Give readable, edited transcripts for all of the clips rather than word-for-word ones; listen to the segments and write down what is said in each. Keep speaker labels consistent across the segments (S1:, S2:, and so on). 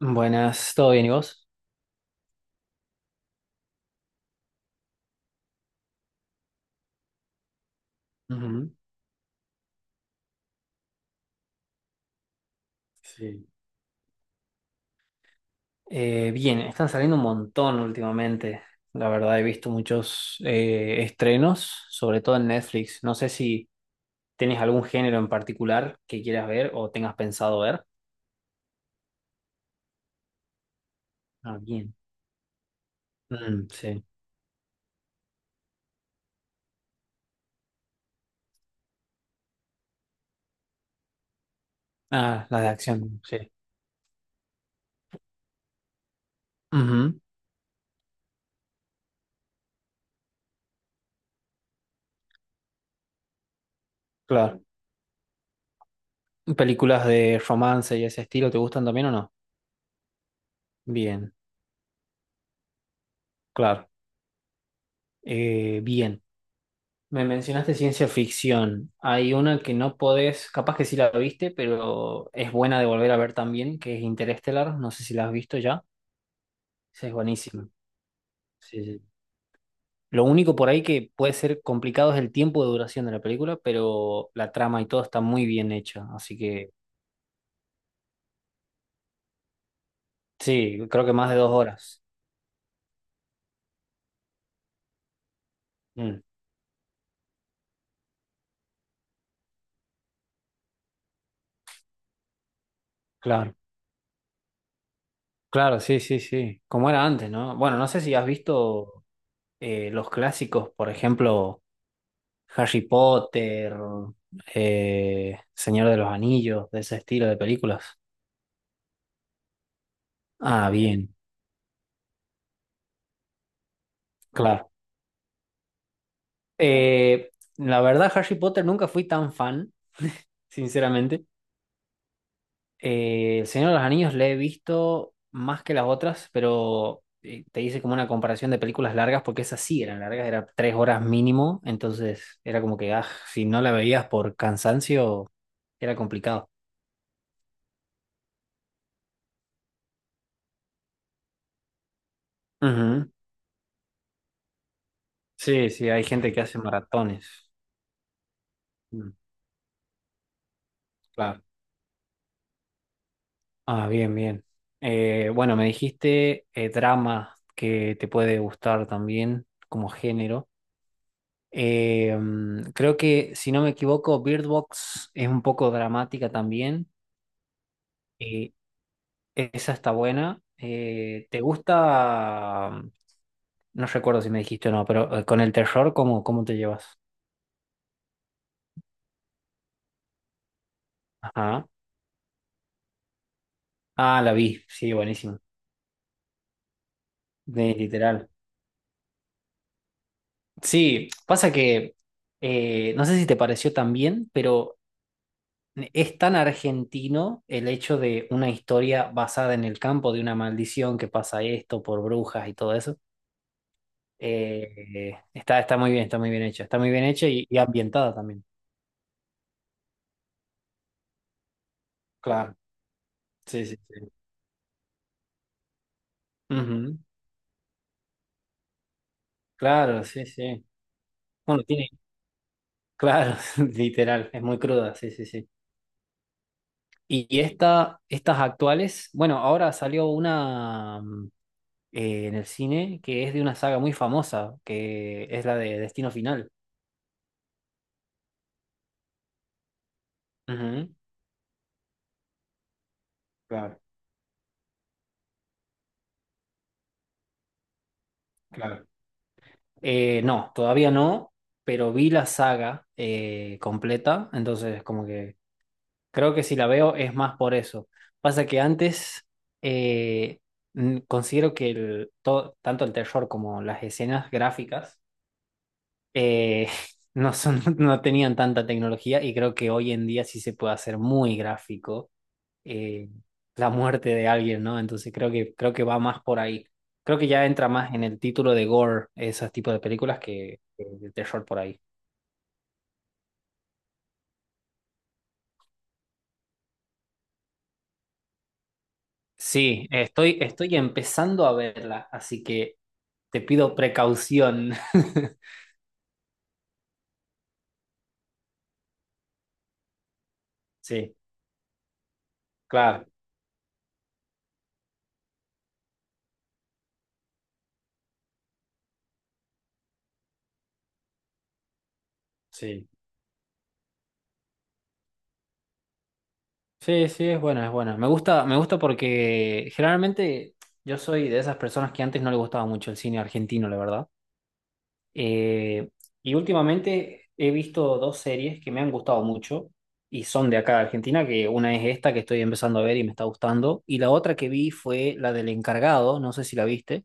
S1: Buenas, ¿todo bien y vos? Ujú. Sí. Bien, están saliendo un montón últimamente. La verdad, he visto muchos estrenos, sobre todo en Netflix. No sé si tenés algún género en particular que quieras ver o tengas pensado ver. Ah, bien. Mm, sí. Ah, las de acción, sí. Ujú, claro. Mm. ¿Películas de romance y ese estilo te gustan también o no? Bien, claro. Bien. Me mencionaste ciencia ficción. Hay una que no podés, capaz que sí la viste, pero es buena de volver a ver también, que es Interestelar. No sé si la has visto ya. Sí, es buenísima. Sí, sí. Lo único por ahí que puede ser complicado es el tiempo de duración de la película, pero la trama y todo está muy bien hecha. Así que sí, creo que más de 2 horas. Mm, claro, claro, sí, sí, sí. Como era antes, ¿no? Bueno, no sé si has visto los clásicos, por ejemplo. Harry Potter, Señor de los Anillos, de ese estilo de películas. Ah, bien, claro. Eh, la verdad, Harry Potter nunca fui tan fan, sinceramente. El Señor de los Anillos le he visto más que las otras, pero te hice como una comparación de películas largas, porque esas sí eran largas, eran 3 horas mínimo, entonces era como que, ah, si no la veías por cansancio, era complicado. Ujú. Sí, sí, hay gente que hace maratones. Mm. Claro. Ah, bien, bien. Bueno, me dijiste drama que te puede gustar también como género. Creo que, si no me equivoco, Bird Box es un poco dramática también. Y esa está buena. ¿Te gusta? Mm. No recuerdo si me dijiste o no, pero con el terror, ¿cómo te llevas? Ajá. Ah, la vi. Sí, buenísimo. De, literal. Sí, pasa que no sé si te pareció también, pero es tan argentino el hecho de una historia basada en el campo de una maldición que pasa esto por brujas y todo eso. Está muy bien, está muy bien hecha. Está muy bien hecha y ambientada también. Claro, sí, sí, sí. Ujú. Claro, sí, sí. Bueno, tiene, claro, literal, es muy cruda, sí, sí, sí. Y estas actuales, bueno, ahora salió una mm, en el cine que es de una saga muy famosa, que es la de Destino Final. Ujú. Claro, claro. No, todavía no, pero vi la saga completa, entonces como que creo que si la veo es más por eso. Pasa que antes eh, considero que tanto el terror como las escenas gráficas eh, no son, no tenían tanta tecnología y creo que hoy en día sí se puede hacer muy gráfico eh, la muerte de alguien, ¿no? Entonces creo que va más por ahí. Creo que ya entra más en el título de gore, esos tipos de películas que de terror por ahí. Sí, estoy empezando a verla, así que te pido precaución. Sí, claro, sí. Sí, sí, es buena, es buena. Me gusta porque generalmente yo soy de esas personas que antes no le gustaba mucho el cine argentino, la verdad. Eh, y últimamente he visto dos series que me han gustado mucho y son de acá de Argentina, que una es esta que estoy empezando a ver y me está gustando, y la otra que vi fue la del encargado, no sé si la viste,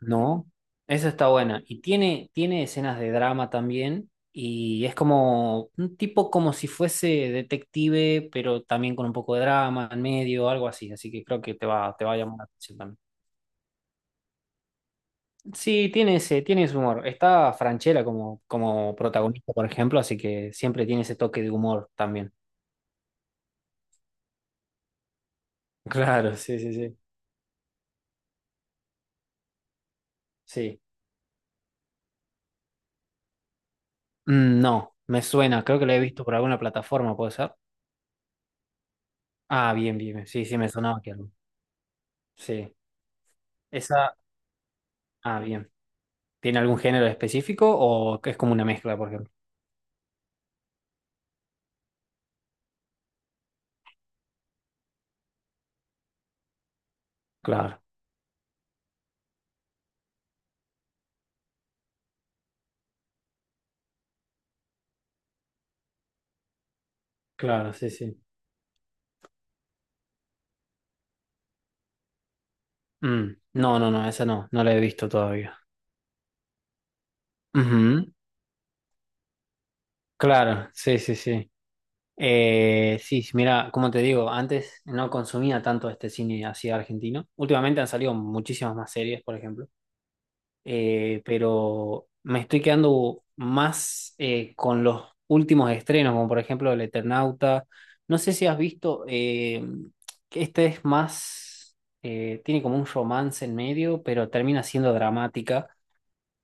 S1: no, esa está buena y tiene, tiene escenas de drama también y es como un tipo como si fuese detective, pero también con un poco de drama en medio, algo así, así que creo que te va a llamar la atención también. Sí, tiene ese humor. Está Franchella como, como protagonista, por ejemplo, así que siempre tiene ese toque de humor también. Claro, sí, sí, sí. Sí. Mm, no, me suena, creo que lo he visto por alguna plataforma, ¿puede ser? Ah, bien, bien, bien. Sí, sí, me sonaba que algo. Sí. Esa, ah, bien. ¿Tiene algún género específico o que es como una mezcla, por ejemplo? Claro, claro, sí, sí. Mm, no, no, no, esa no, no la he visto todavía. Ujú. Claro, sí, sí, sí. Sí, sí, mira, como te digo, antes no consumía tanto este cine así argentino. Últimamente han salido muchísimas más series, por ejemplo. Pero me estoy quedando más con los últimos estrenos, como por ejemplo El Eternauta. No sé si has visto que este es más, tiene como un romance en medio, pero termina siendo dramática,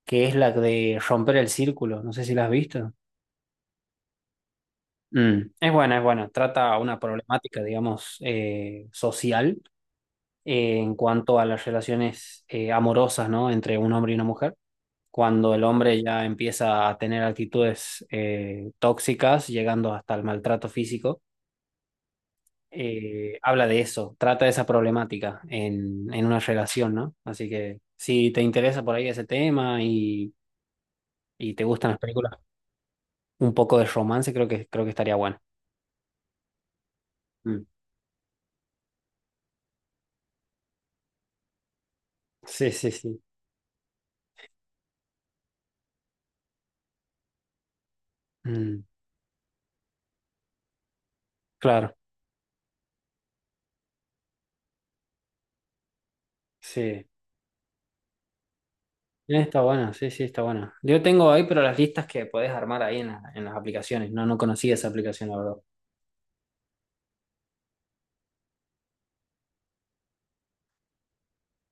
S1: que es la de Romper el Círculo. No sé si la has visto. Mm, es buena, es buena. Trata una problemática, digamos, social en cuanto a las relaciones amorosas, ¿no? Entre un hombre y una mujer. Cuando el hombre ya empieza a tener actitudes tóxicas, llegando hasta el maltrato físico, habla de eso, trata de esa problemática en una relación, ¿no? Así que si te interesa por ahí ese tema y te gustan las películas, un poco de romance, creo que estaría bueno. Mm. Sí, sí, sí. Mm, claro. Sí. Está buena, sí, sí, está buena. Yo tengo ahí, pero las listas que podés armar ahí en, en las aplicaciones. No, no conocía esa aplicación, la verdad.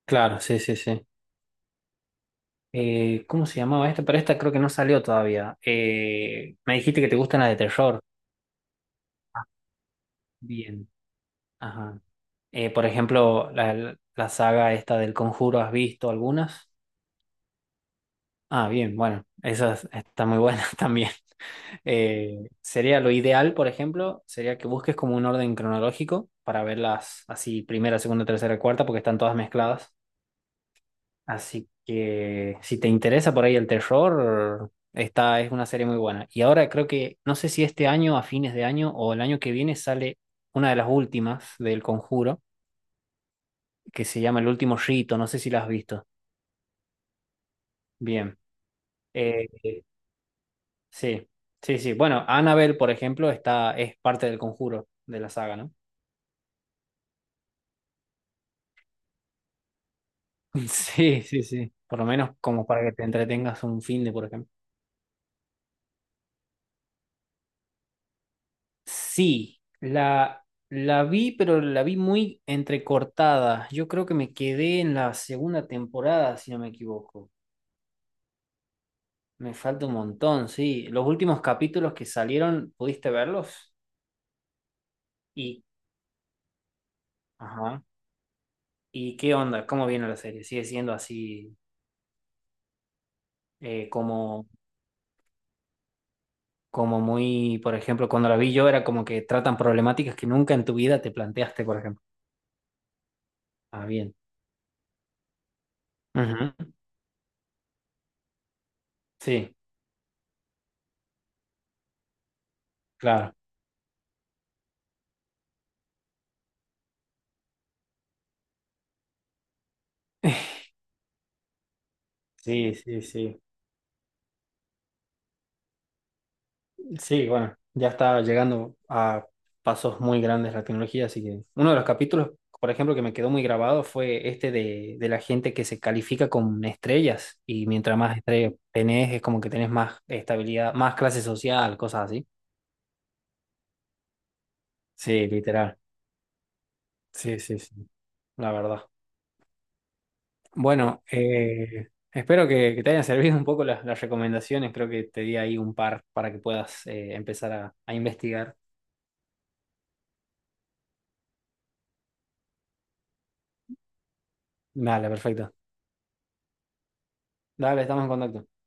S1: Claro, sí, sí, sí. ¿Cómo se llamaba esta? Pero esta creo que no salió todavía. Me dijiste que te gustan las de terror. Ah, bien. Ajá. Por ejemplo, la saga esta del Conjuro, ¿has visto algunas? Ah, bien, bueno, esas están muy buenas también. Sería lo ideal, por ejemplo, sería que busques como un orden cronológico para verlas así, primera, segunda, tercera, cuarta, porque están todas mezcladas. Así que si te interesa por ahí el terror, esta es una serie muy buena. Y ahora creo que, no sé si este año, a fines de año o el año que viene, sale una de las últimas del Conjuro, que se llama El Último Rito, no sé si la has visto. Bien. Eh, eh, sí, sí, sí. Bueno, Annabelle, por ejemplo, está, es parte del Conjuro de la saga, ¿no? Sí, sí, sí. Por lo menos como para que te entretengas un fin de, por ejemplo. Sí, la vi, pero la vi muy entrecortada. Yo creo que me quedé en la segunda temporada, si no me equivoco. Me falta un montón, sí. Los últimos capítulos que salieron, ¿pudiste verlos? Y, ajá. ¿Y qué onda? ¿Cómo viene la serie? ¿Sigue siendo así eh, como, como muy, por ejemplo, cuando la vi yo era como que tratan problemáticas que nunca en tu vida te planteaste, por ejemplo? Ah, bien. Ujú. Sí, claro. Sí, sí, sí. Sí, bueno, ya está llegando a pasos muy grandes la tecnología, así que uno de los capítulos, por ejemplo, que me quedó muy grabado fue este de la gente que se califica con estrellas y mientras más estrellas tenés, es como que tenés más estabilidad, más clase social, cosas así. Sí, literal. Sí, sí, sí, la verdad. Bueno, espero que te hayan servido un poco las recomendaciones, creo que te di ahí un par para que puedas empezar a investigar. Dale, perfecto. Dale, estamos en contacto.